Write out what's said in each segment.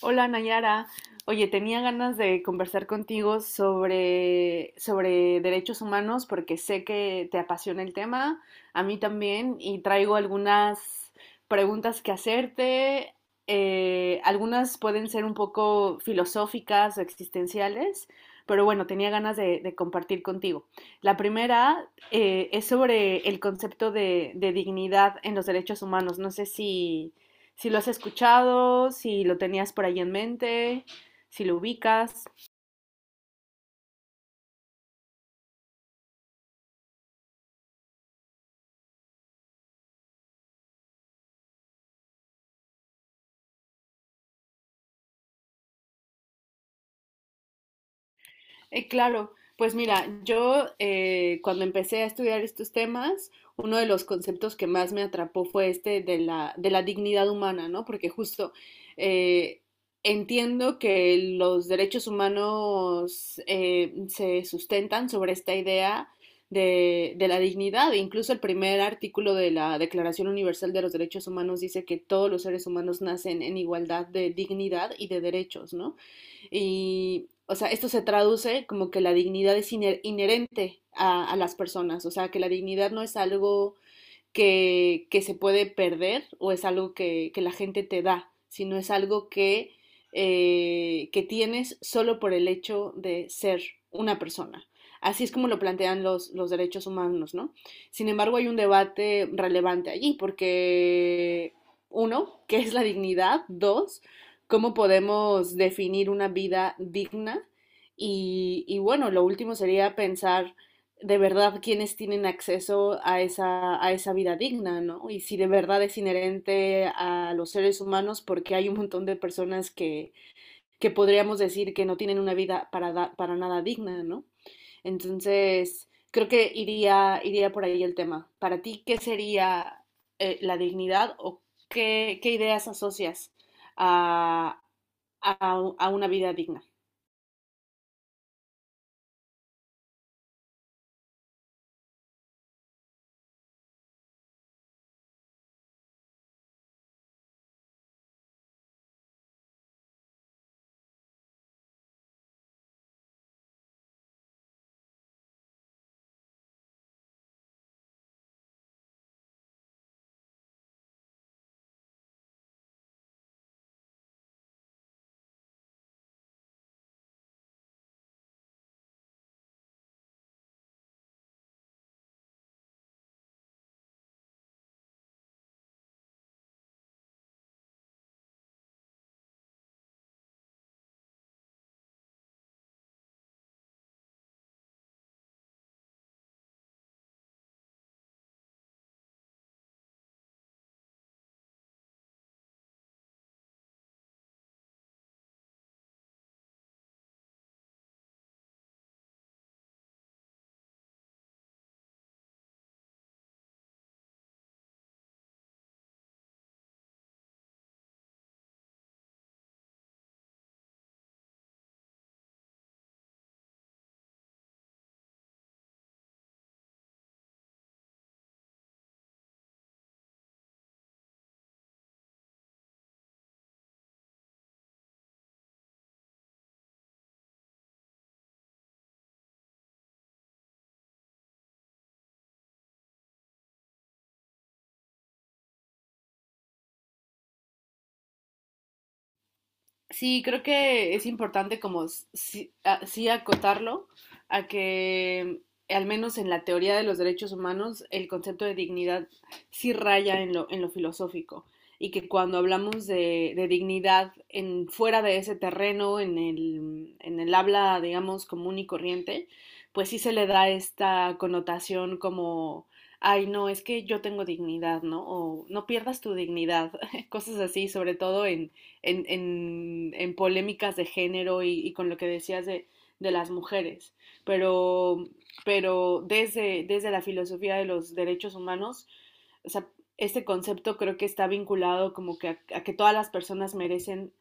Hola Nayara. Oye, tenía ganas de conversar contigo sobre derechos humanos porque sé que te apasiona el tema, a mí también, y traigo algunas preguntas que hacerte. Algunas pueden ser un poco filosóficas o existenciales, pero bueno, tenía ganas de compartir contigo. La primera es sobre el concepto de dignidad en los derechos humanos. No sé si si lo has escuchado, si lo tenías por ahí en mente, si lo ubicas. Claro, pues mira, yo cuando empecé a estudiar estos temas, uno de los conceptos que más me atrapó fue este de la dignidad humana, ¿no? Porque justo eh, entiendo que los derechos humanos se sustentan sobre esta idea de la dignidad. E incluso el primer artículo de la Declaración Universal de los Derechos Humanos dice que todos los seres humanos nacen en igualdad de dignidad y de derechos, ¿no? Y, o sea, esto se traduce como que la dignidad es iner inherente a, las personas, o sea, que la dignidad no es algo que se puede perder o es algo que la gente te da, sino es algo que tienes solo por el hecho de ser una persona. Así es como lo plantean los derechos humanos, ¿no? Sin embargo, hay un debate relevante allí, porque uno, ¿qué es la dignidad? Dos, ¿cómo podemos definir una vida digna? Y bueno, lo último sería pensar de verdad quienes tienen acceso a esa vida digna, ¿no? Y si de verdad es inherente a los seres humanos, porque hay un montón de personas que podríamos decir que no tienen una vida para nada digna, ¿no? Entonces, creo que iría por ahí el tema. Para ti, ¿qué sería la dignidad o qué, qué ideas asocias a, a una vida digna? Sí, creo que es importante como sí acotarlo a que al menos en la teoría de los derechos humanos el concepto de dignidad sí raya en lo filosófico y que cuando hablamos de dignidad en fuera de ese terreno, en el habla, digamos, común y corriente, pues sí se le da esta connotación como, ay, no, es que yo tengo dignidad, ¿no? O no pierdas tu dignidad, cosas así, sobre todo en en polémicas de género y, con lo que decías de las mujeres, pero, pero desde, desde la filosofía de los derechos humanos, o sea, este concepto creo que está vinculado como que a que todas las personas merecen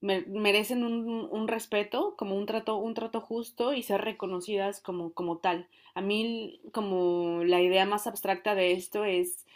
merecen un, respeto, como un trato justo y ser reconocidas como, como tal. A mí como la idea más abstracta de esto es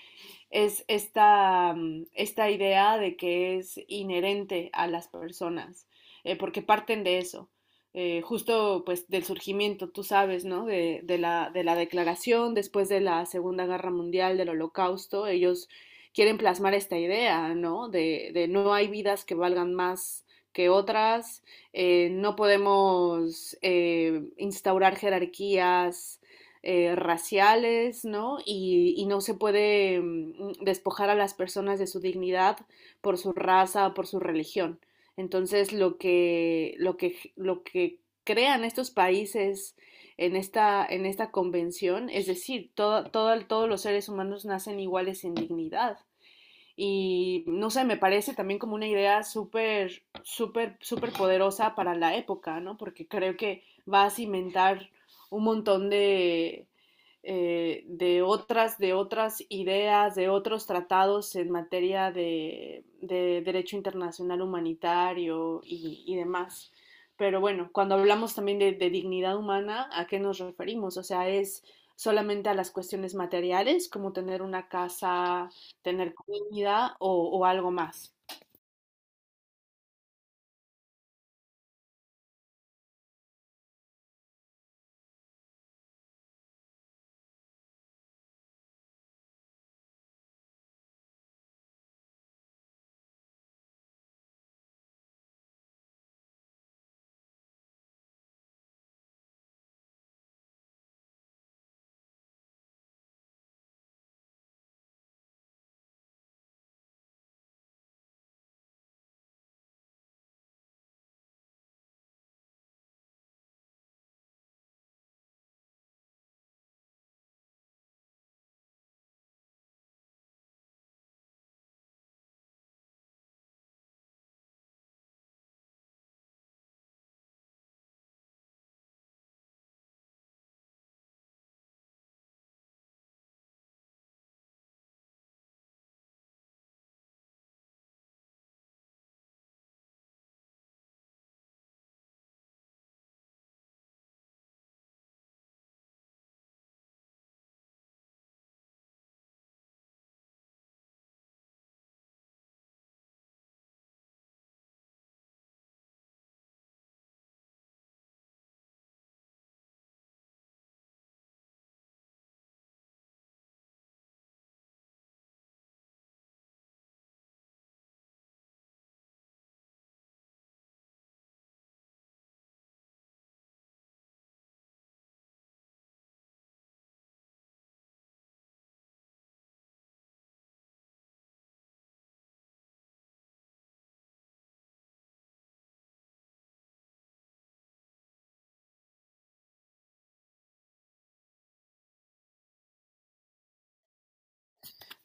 es esta, esta idea de que es inherente a las personas, porque parten de eso. Justo pues del surgimiento, tú sabes, ¿no? De la declaración después de la Segunda Guerra Mundial, del Holocausto, ellos quieren plasmar esta idea, ¿no? De no hay vidas que valgan más que otras, no podemos instaurar jerarquías raciales, ¿no? Y, no se puede despojar a las personas de su dignidad por su raza, o por su religión. Entonces, lo que crean estos países en esta convención, es decir, todos los seres humanos nacen iguales en dignidad. Y no sé, me parece también como una idea súper poderosa para la época, ¿no? Porque creo que va a cimentar un montón de otras ideas, de otros tratados en materia de derecho internacional humanitario y, demás. Pero bueno, cuando hablamos también de, dignidad humana, ¿a qué nos referimos? O sea, es solamente a las cuestiones materiales, como tener una casa, tener comida o algo más.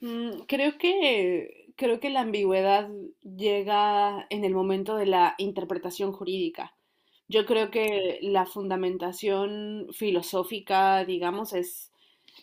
Creo que, creo que la ambigüedad llega en el momento de la interpretación jurídica. Yo creo que la fundamentación filosófica, digamos,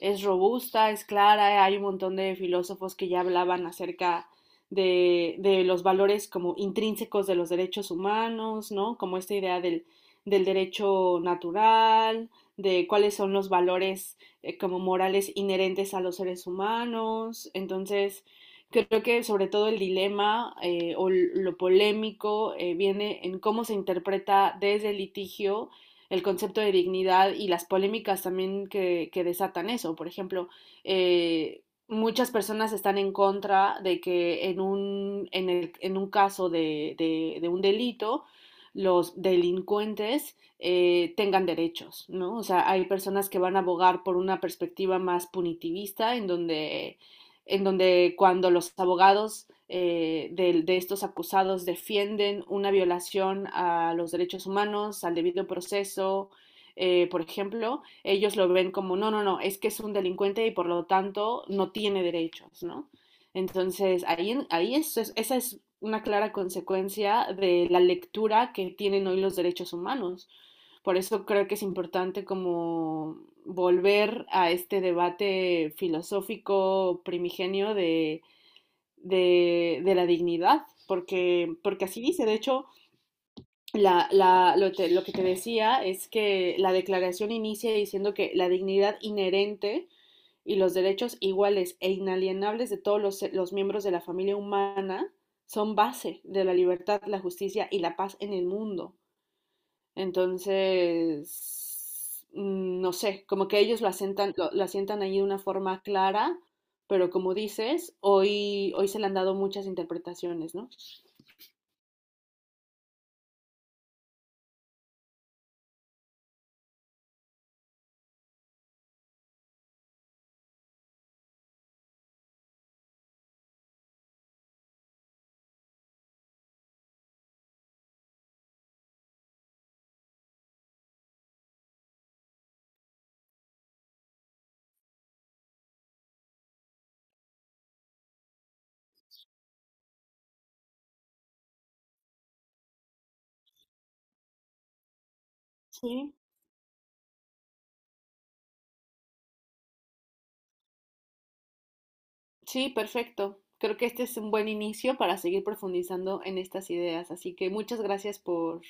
es robusta, es clara. Hay un montón de filósofos que ya hablaban acerca de los valores como intrínsecos de los derechos humanos, ¿no? Como esta idea del, del derecho natural, de cuáles son los valores como morales inherentes a los seres humanos. Entonces, creo que sobre todo el dilema o lo polémico viene en cómo se interpreta desde el litigio el concepto de dignidad y las polémicas también que desatan eso. Por ejemplo, eh, muchas personas están en contra de que en un, en un caso de un delito los delincuentes tengan derechos, ¿no? O sea, hay personas que van a abogar por una perspectiva más punitivista, en donde cuando los abogados de estos acusados defienden una violación a los derechos humanos, al debido proceso, por ejemplo, ellos lo ven como, no, no, no, es que es un delincuente y por lo tanto no tiene derechos, ¿no? Entonces, ahí esa es una clara consecuencia de la lectura que tienen hoy los derechos humanos, por eso creo que es importante como volver a este debate filosófico primigenio de la dignidad, porque, porque así dice, de hecho, lo que te decía es que la declaración inicia diciendo que la dignidad inherente y los derechos iguales e inalienables de todos los miembros de la familia humana son base de la libertad, la justicia y la paz en el mundo. Entonces, no sé, como que ellos lo asientan, lo asientan ahí de una forma clara, pero como dices, hoy, hoy se le han dado muchas interpretaciones, ¿no? Sí. Sí, perfecto. Creo que este es un buen inicio para seguir profundizando en estas ideas. Así que muchas gracias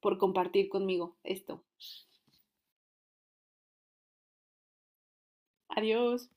por compartir conmigo esto. Adiós.